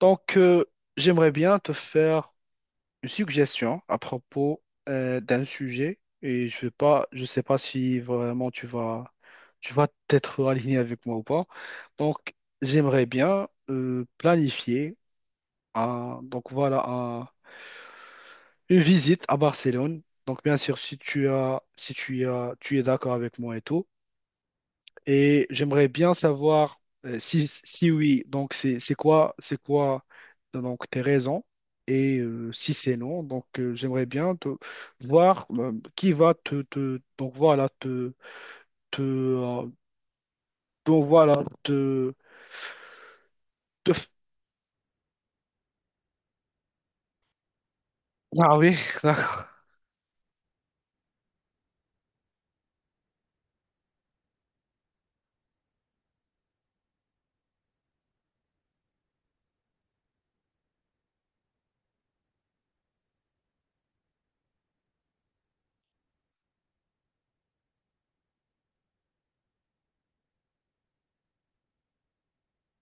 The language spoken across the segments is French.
Donc, euh, J'aimerais bien te faire une suggestion à propos d'un sujet et je sais pas si vraiment tu vas t'être aligné avec moi ou pas. Donc, j'aimerais bien planifier un, donc voilà, un- une visite à Barcelone. Donc, bien sûr, si tu as, tu es d'accord avec moi et tout. Et j'aimerais bien savoir si, si oui, donc c'est quoi donc tes raisons et si c'est non, donc j'aimerais bien te voir qui va donc voilà te donc voilà te f- ah oui d'accord.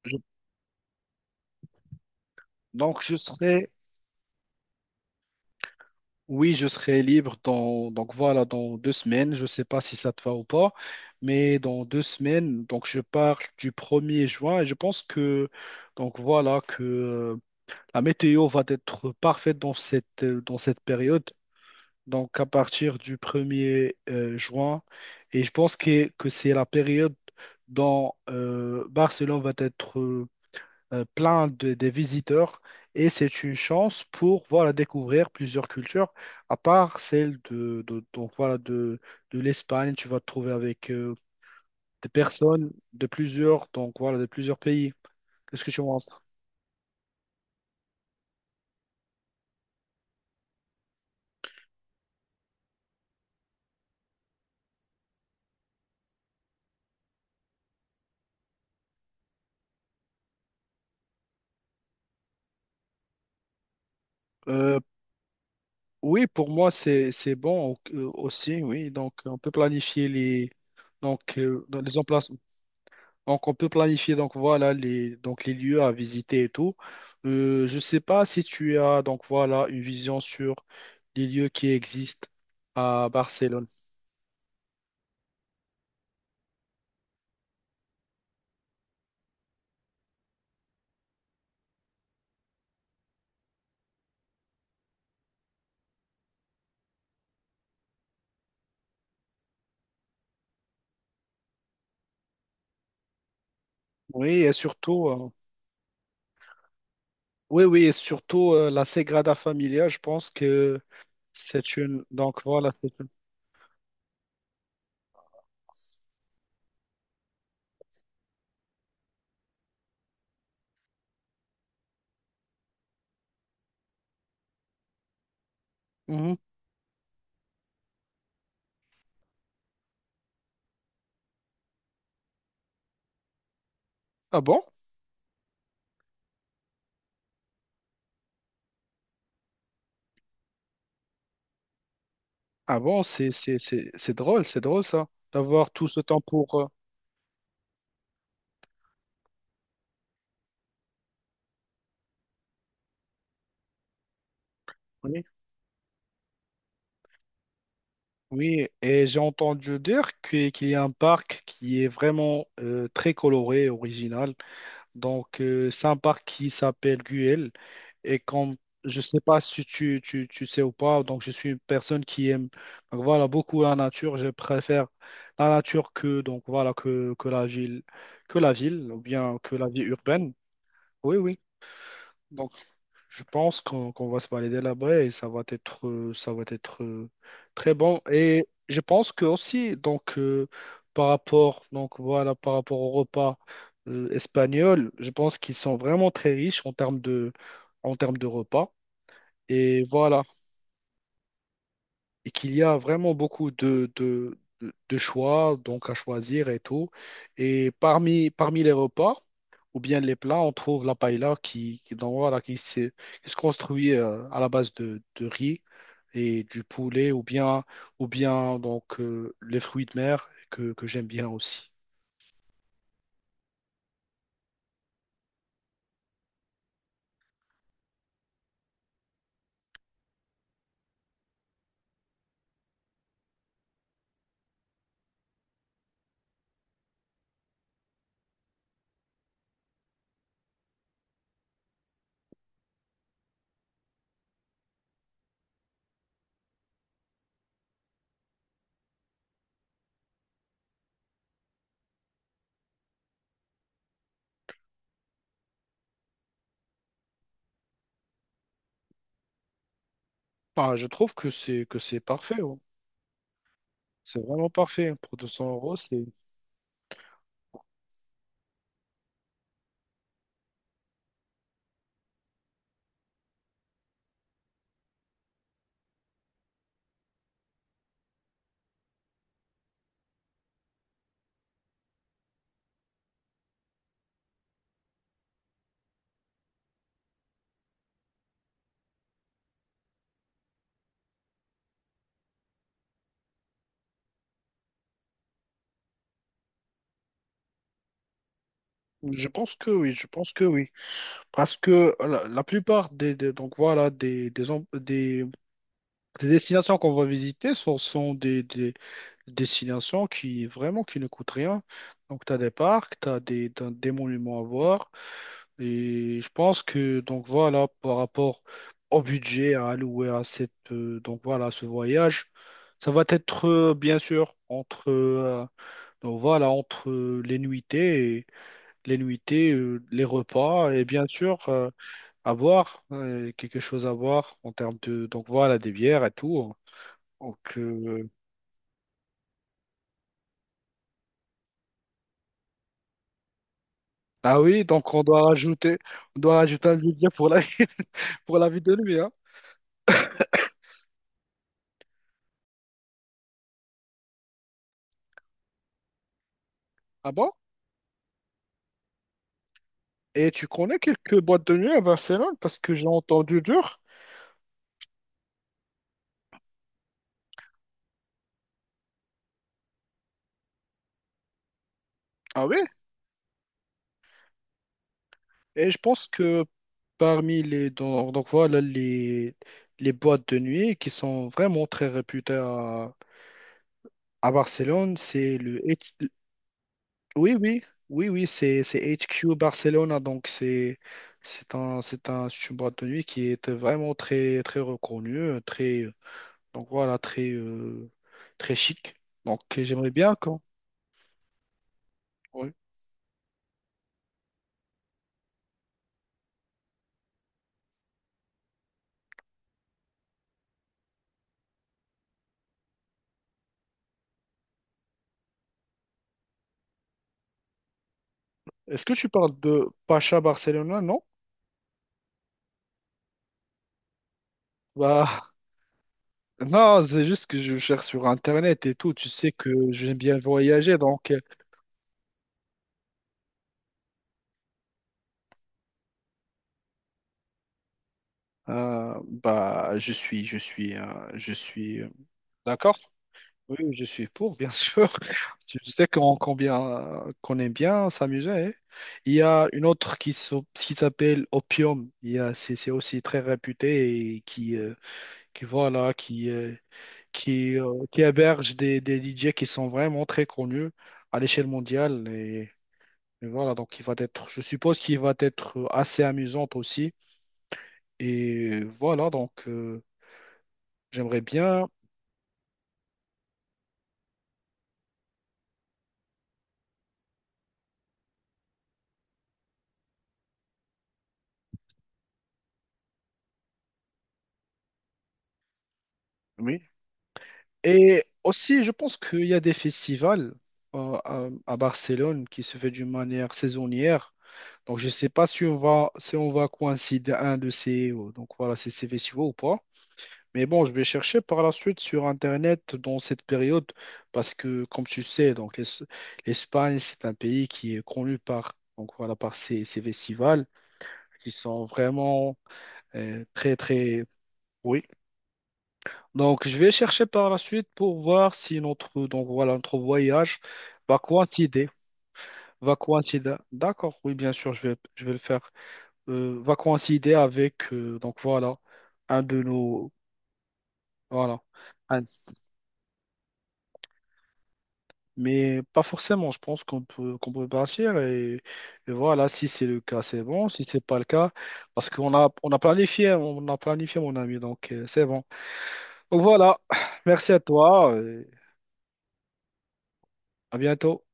Je- donc je serai Oui, je serai libre dans, donc voilà, dans deux semaines. Je ne sais pas si ça te va ou pas, mais dans deux semaines, donc je pars du premier juin et je pense que donc voilà que la météo va être parfaite dans dans cette période. Donc à partir du premier juin, et je pense que c'est la période dont Barcelone va être plein de, des visiteurs et c'est une chance pour voilà, découvrir plusieurs cultures, à part celle donc, voilà, de l'Espagne. Tu vas te trouver avec des personnes de plusieurs, donc, voilà, de plusieurs pays. Qu'est-ce que tu penses? Euh, oui, pour moi, c'est bon aussi, oui. Donc, on peut planifier les, donc, dans les emplacements. Donc, on peut planifier donc voilà les donc les lieux à visiter et tout. Je sais pas si tu as donc voilà une vision sur les lieux qui existent à Barcelone. Oui, et surtout oui oui et surtout la Sagrada Familia, je pense que c'est une donc voilà. C'est- Mhm. Ah bon? Ah bon, c'est drôle ça d'avoir tout ce temps pour oui. Oui, et j'ai entendu dire qu'il y a un parc qui est vraiment très coloré, original. Donc, c'est un parc qui s'appelle Guel. Et comme je ne sais pas si tu sais ou pas, donc je suis une personne qui aime donc voilà, beaucoup la nature. Je préfère la nature que, donc, voilà, que la ville ou bien que la vie urbaine. Oui, oui. Donc. Je pense qu'on va se valider là-bas et ça va être très bon. Et je pense que aussi, donc, par rapport, donc, voilà, par rapport au repas espagnol, je pense qu'ils sont vraiment très riches en termes de repas. Et voilà, et qu'il y a vraiment beaucoup de choix donc à choisir et tout. Et parmi les repas, ou bien les plats, on trouve la paella qui, donc, voilà, qui se construit à la base de riz et du poulet ou bien donc, les fruits de mer que j'aime bien aussi. Enfin, je trouve que c'est parfait. Ouais. C'est vraiment parfait. Pour deux 200 euros, c'est... Je pense que oui, je pense que oui. Parce que la plupart donc voilà, des destinations qu'on va visiter sont des, destination qui vraiment qui ne coûte rien. Donc tu as des parcs, t'as des monuments à voir et je pense que donc voilà par rapport au budget à allouer à cette donc voilà ce voyage, ça va être bien sûr entre donc voilà entre les les nuitées, les repas et bien sûr à boire quelque chose à boire en termes de donc voilà des bières et tout. Donc ah oui, on doit rajouter un budget pour la, pour la vie de lui, hein. Ah bon? Et tu connais quelques boîtes de nuit à Barcelone parce que j'ai entendu dur. Ah oui? Et je pense que donc voilà les boîtes de nuit qui sont vraiment très réputées à Barcelone, c'est le H- oui oui oui oui c'est HQ Barcelona donc c'est une boîte de nuit qui est vraiment très reconnue, très donc voilà, très, très chic. Donc j'aimerais bien quand. Oui. Est-ce que tu parles de Pacha Barcelona? Non? Bah, non, c'est juste que je cherche sur Internet et tout. Tu sais que j'aime bien voyager, donc je suis, je suis, je suis d'accord. Oui, oui, je suis pour, bien sûr. Tu sais qu'on combien, qu'on aime bien s'amuser. Hein. Il y a une autre qui s'appelle Opium. Il y a- c'est aussi très réputé et qui voilà, qui héberge des DJ qui sont vraiment très connus à l'échelle mondiale. Et voilà, donc il va être, je suppose qu'il va être assez amusant aussi. Et voilà, donc j'aimerais bien. Oui. Et aussi, je pense qu'il y a des festivals à Barcelone qui se fait d'une manière saisonnière. Donc je ne sais pas si on va, si on va coïncider un de donc voilà, ces ces festivals ou pas. Mais bon, je vais chercher par la suite sur Internet dans cette période parce que, comme tu sais, donc l'Es- l'Espagne, c'est un pays qui est connu par, donc voilà, par ses, ses festivals qui sont vraiment très... Oui. Donc, je vais chercher par la suite pour voir si notre, donc, voilà, notre voyage va coïncider. Va coïncider. D'accord, oui, bien sûr, je vais le faire. Va coïncider avec, donc voilà, un de nos... Voilà. Mais pas forcément, je pense qu'on peut partir et voilà, si c'est le cas, c'est bon, si c'est pas le cas, parce qu'on a, on a planifié mon ami, donc c'est bon. Donc voilà, merci à toi, à bientôt.